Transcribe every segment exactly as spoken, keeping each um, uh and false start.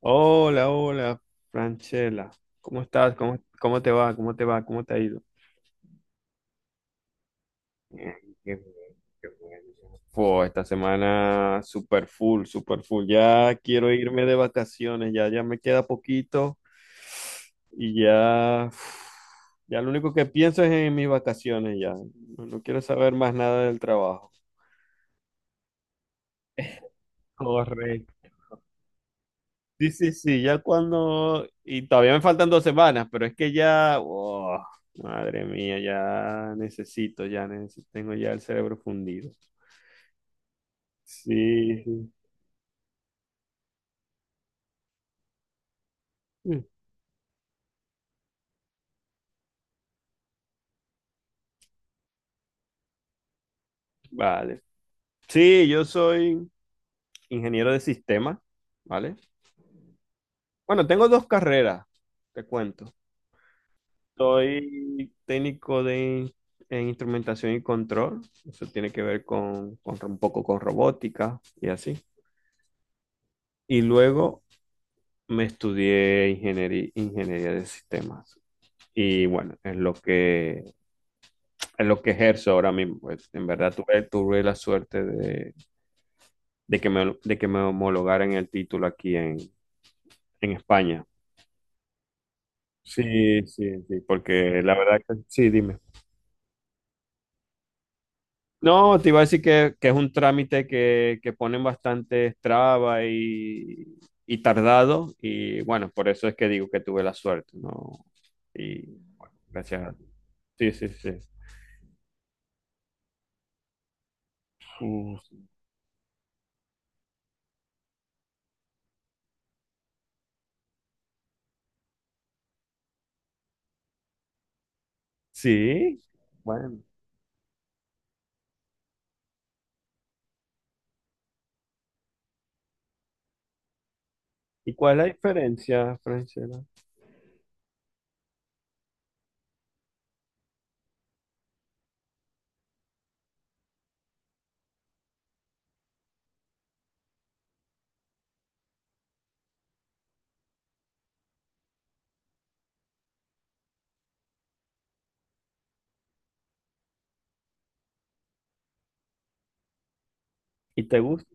Hola, hola, Franchela. ¿Cómo estás? ¿Cómo, cómo te va? ¿Cómo te va? ¿Cómo te ha ido? Ay, qué bien, qué bien. Fue esta semana super full, super full. Ya quiero irme de vacaciones, ya, ya me queda poquito y ya, uf, ya lo único que pienso es en mis vacaciones ya. No, no quiero saber más nada del trabajo. Correcto. Sí, sí, sí, ya cuando... y todavía me faltan dos semanas, pero es que ya... oh, madre mía, ya necesito, ya necesito, tengo ya el cerebro fundido. Sí, sí. Mm, vale. Sí, yo soy ingeniero de sistemas, ¿vale? Bueno, tengo dos carreras, te cuento. Soy técnico de en instrumentación y control. Eso tiene que ver con, con, un poco con robótica y así. Y luego me estudié ingeniería, ingeniería, de sistemas. Y bueno, es lo que, es lo que ejerzo ahora mismo, pues. En verdad tuve, tuve la suerte de, de que me, de que me homologaran el título aquí en, en España. Sí, sí, sí, porque la verdad que sí, dime. No, te iba a decir que, que es un trámite que, que ponen bastante trabas y, y tardado. Y bueno, por eso es que digo que tuve la suerte, ¿no? Y bueno, gracias. a- Sí, sí, sí. Mm, sí, bueno. ¿Y cuál es la diferencia, Francela? ¿Y te gusta,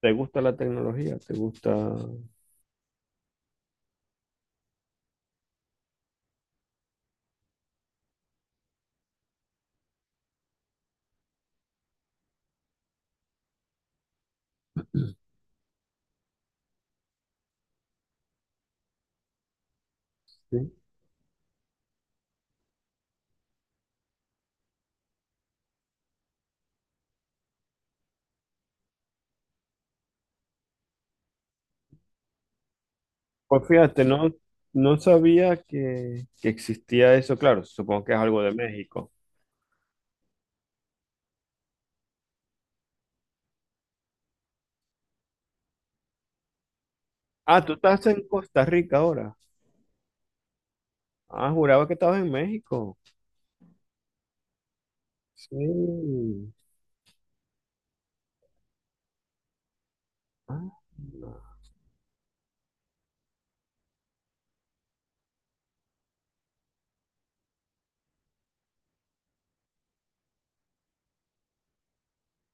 te gusta la tecnología? ¿Te gusta? Sí. Pues fíjate, no, no sabía que, que existía eso. Claro, supongo que es algo de México. Ah, tú estás en Costa Rica ahora. Ah, juraba que estabas en México. Sí. Ah,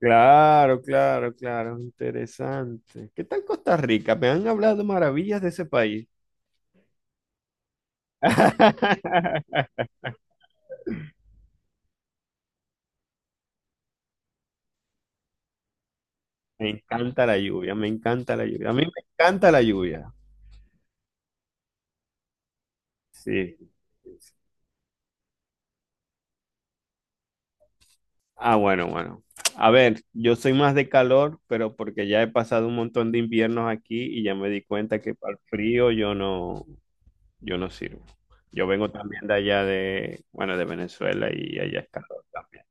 Claro, claro, claro, interesante. ¿Qué tal Costa Rica? Me han hablado maravillas de ese país. Me encanta la lluvia, me encanta la lluvia. A mí me encanta la lluvia. Sí, sí, sí. Ah, bueno, bueno. A ver, yo soy más de calor, pero porque ya he pasado un montón de inviernos aquí y ya me di cuenta que para el frío yo no, yo no sirvo. Yo vengo también de allá de, bueno, de Venezuela y allá es calor también.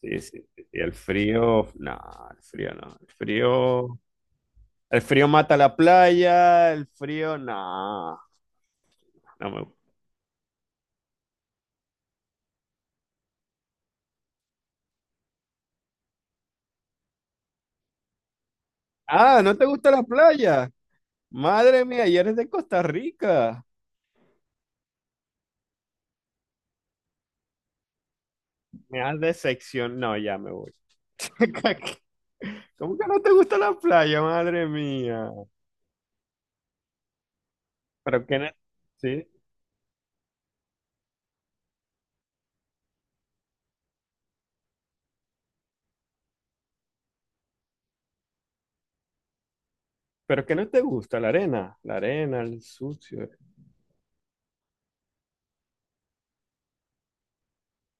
Sí, sí, sí, sí. El frío, no, el frío no. El frío, el frío mata la playa, el frío, no, no me gusta. Ah, ¿no te gusta la playa? Madre mía, y eres de Costa Rica. Me has decepcionado. No, ya me voy. ¿Cómo que no te gusta la playa, madre mía? Pero que no, sí, pero que no te gusta la arena, la arena, el sucio.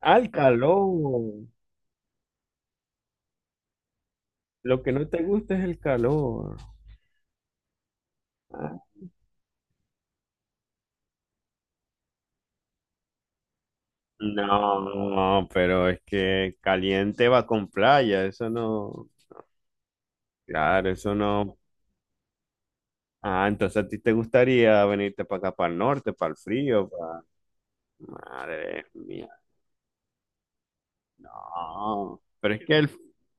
Ah, el calor. Lo que no te gusta es el calor. Ah, no, pero es que caliente va con playa, eso no. Claro, eso no. Ah, entonces a ti te gustaría venirte para acá, para el norte, para el frío, para... Madre mía. No, pero es que el,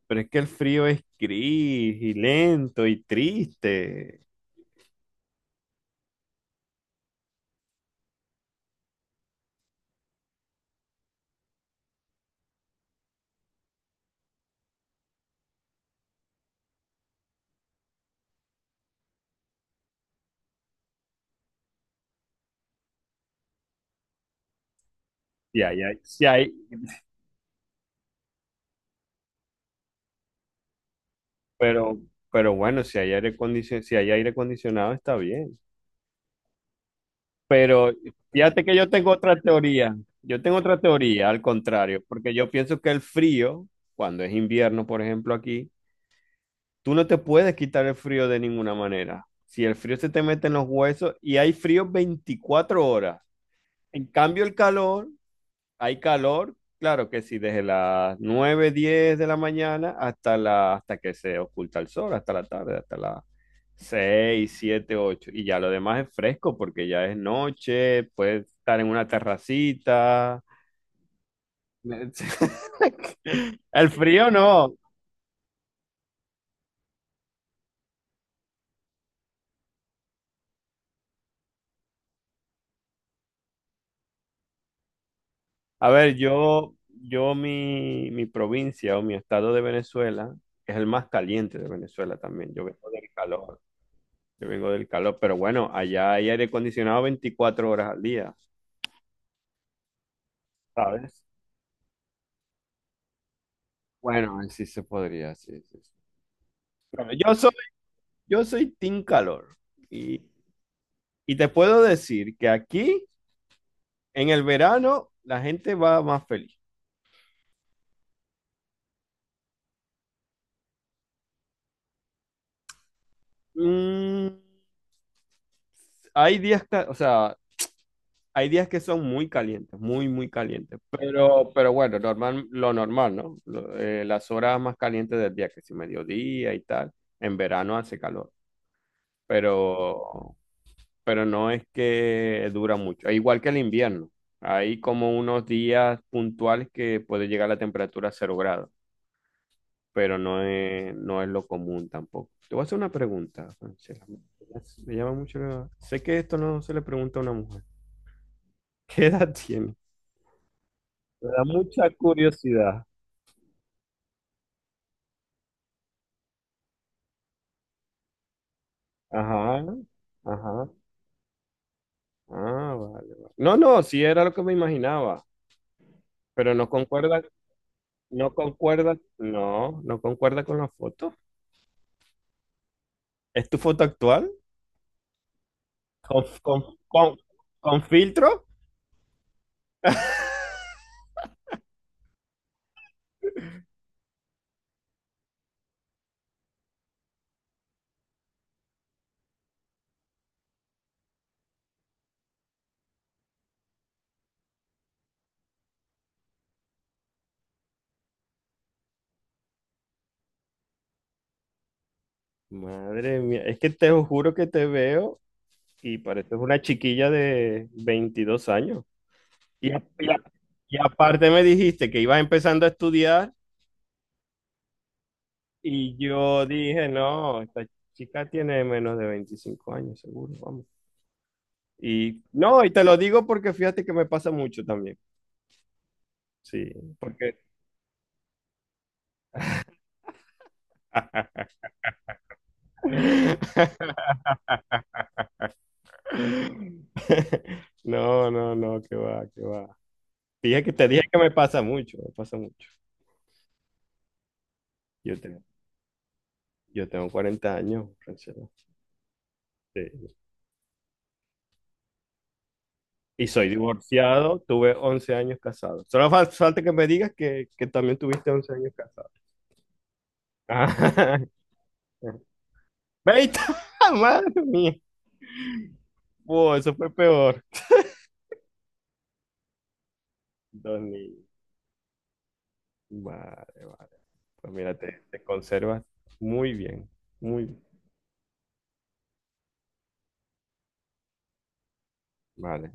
pero es que el frío es gris y lento y triste. Si hay, ai- si hay, pero, pero bueno, si hay aire acondicionado, si hay aire acondicionado está bien. Pero fíjate que yo tengo otra teoría. Yo tengo otra teoría, al contrario, porque yo pienso que el frío, cuando es invierno, por ejemplo, aquí, tú no te puedes quitar el frío de ninguna manera. Si el frío se te mete en los huesos y hay frío veinticuatro horas. En cambio, el calor Hay calor, claro que sí, desde las nueve diez de la mañana hasta la, hasta que se oculta el sol, hasta la tarde, hasta las seis siete ocho, y ya lo demás es fresco porque ya es noche, puedes estar en una terracita. El frío no. A ver, yo, yo mi, mi provincia o mi estado de Venezuela es el más caliente de Venezuela también. Yo vengo del calor. Yo vengo del calor, pero bueno, allá hay aire acondicionado veinticuatro horas al día, ¿sabes? Bueno, sí se podría, sí, sí, sí. Bueno, yo soy, yo soy team calor y, y te puedo decir que aquí en el verano la gente va más feliz. Mm, hay días, ca- o sea, hay días que son muy calientes, muy, muy calientes, pero, pero bueno, normal, lo normal, ¿no? Lo- eh, las horas más calientes del día, que si mediodía y tal, en verano hace calor, pero... pero no es que dura mucho. E igual que el invierno, hay como unos días puntuales que puede llegar la temperatura a cero grados, pero no es, no es lo común tampoco. Te voy a hacer una pregunta, Francela. Me llama mucho la- Sé que esto no se le pregunta a una mujer. ¿Qué edad tiene? Me da mucha curiosidad. Ajá, ajá. Ah, vale, vale. No, no, sí era lo que me imaginaba, pero no concuerda, no concuerda, no, no concuerda con la foto. ¿Es tu foto actual? con, con, con- con filtro. Madre mía, es que te juro que te veo y pareces una chiquilla de veintidós años. Y, a- y a- y aparte me dijiste que ibas empezando a estudiar y yo dije, no, esta chica tiene menos de veinticinco años, seguro, vamos. Y no, y te lo digo porque fíjate que me pasa mucho también. Sí, porque... No, no, no, que va, que va. Dije que te dije que me pasa mucho, me pasa mucho. Yo tengo, yo tengo cuarenta años, Francela. Sí. Y soy divorciado, tuve once años casado. Solo fal- falta que me digas que, que, también tuviste once años casado. Ah, ¡Veita! ¡Madre mía! Wow, eso fue peor. Dos niños. Vale, vale. Pues mira, te, te conservas muy bien, muy bien. Vale.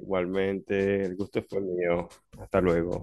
Igualmente, el gusto fue mío. Hasta luego.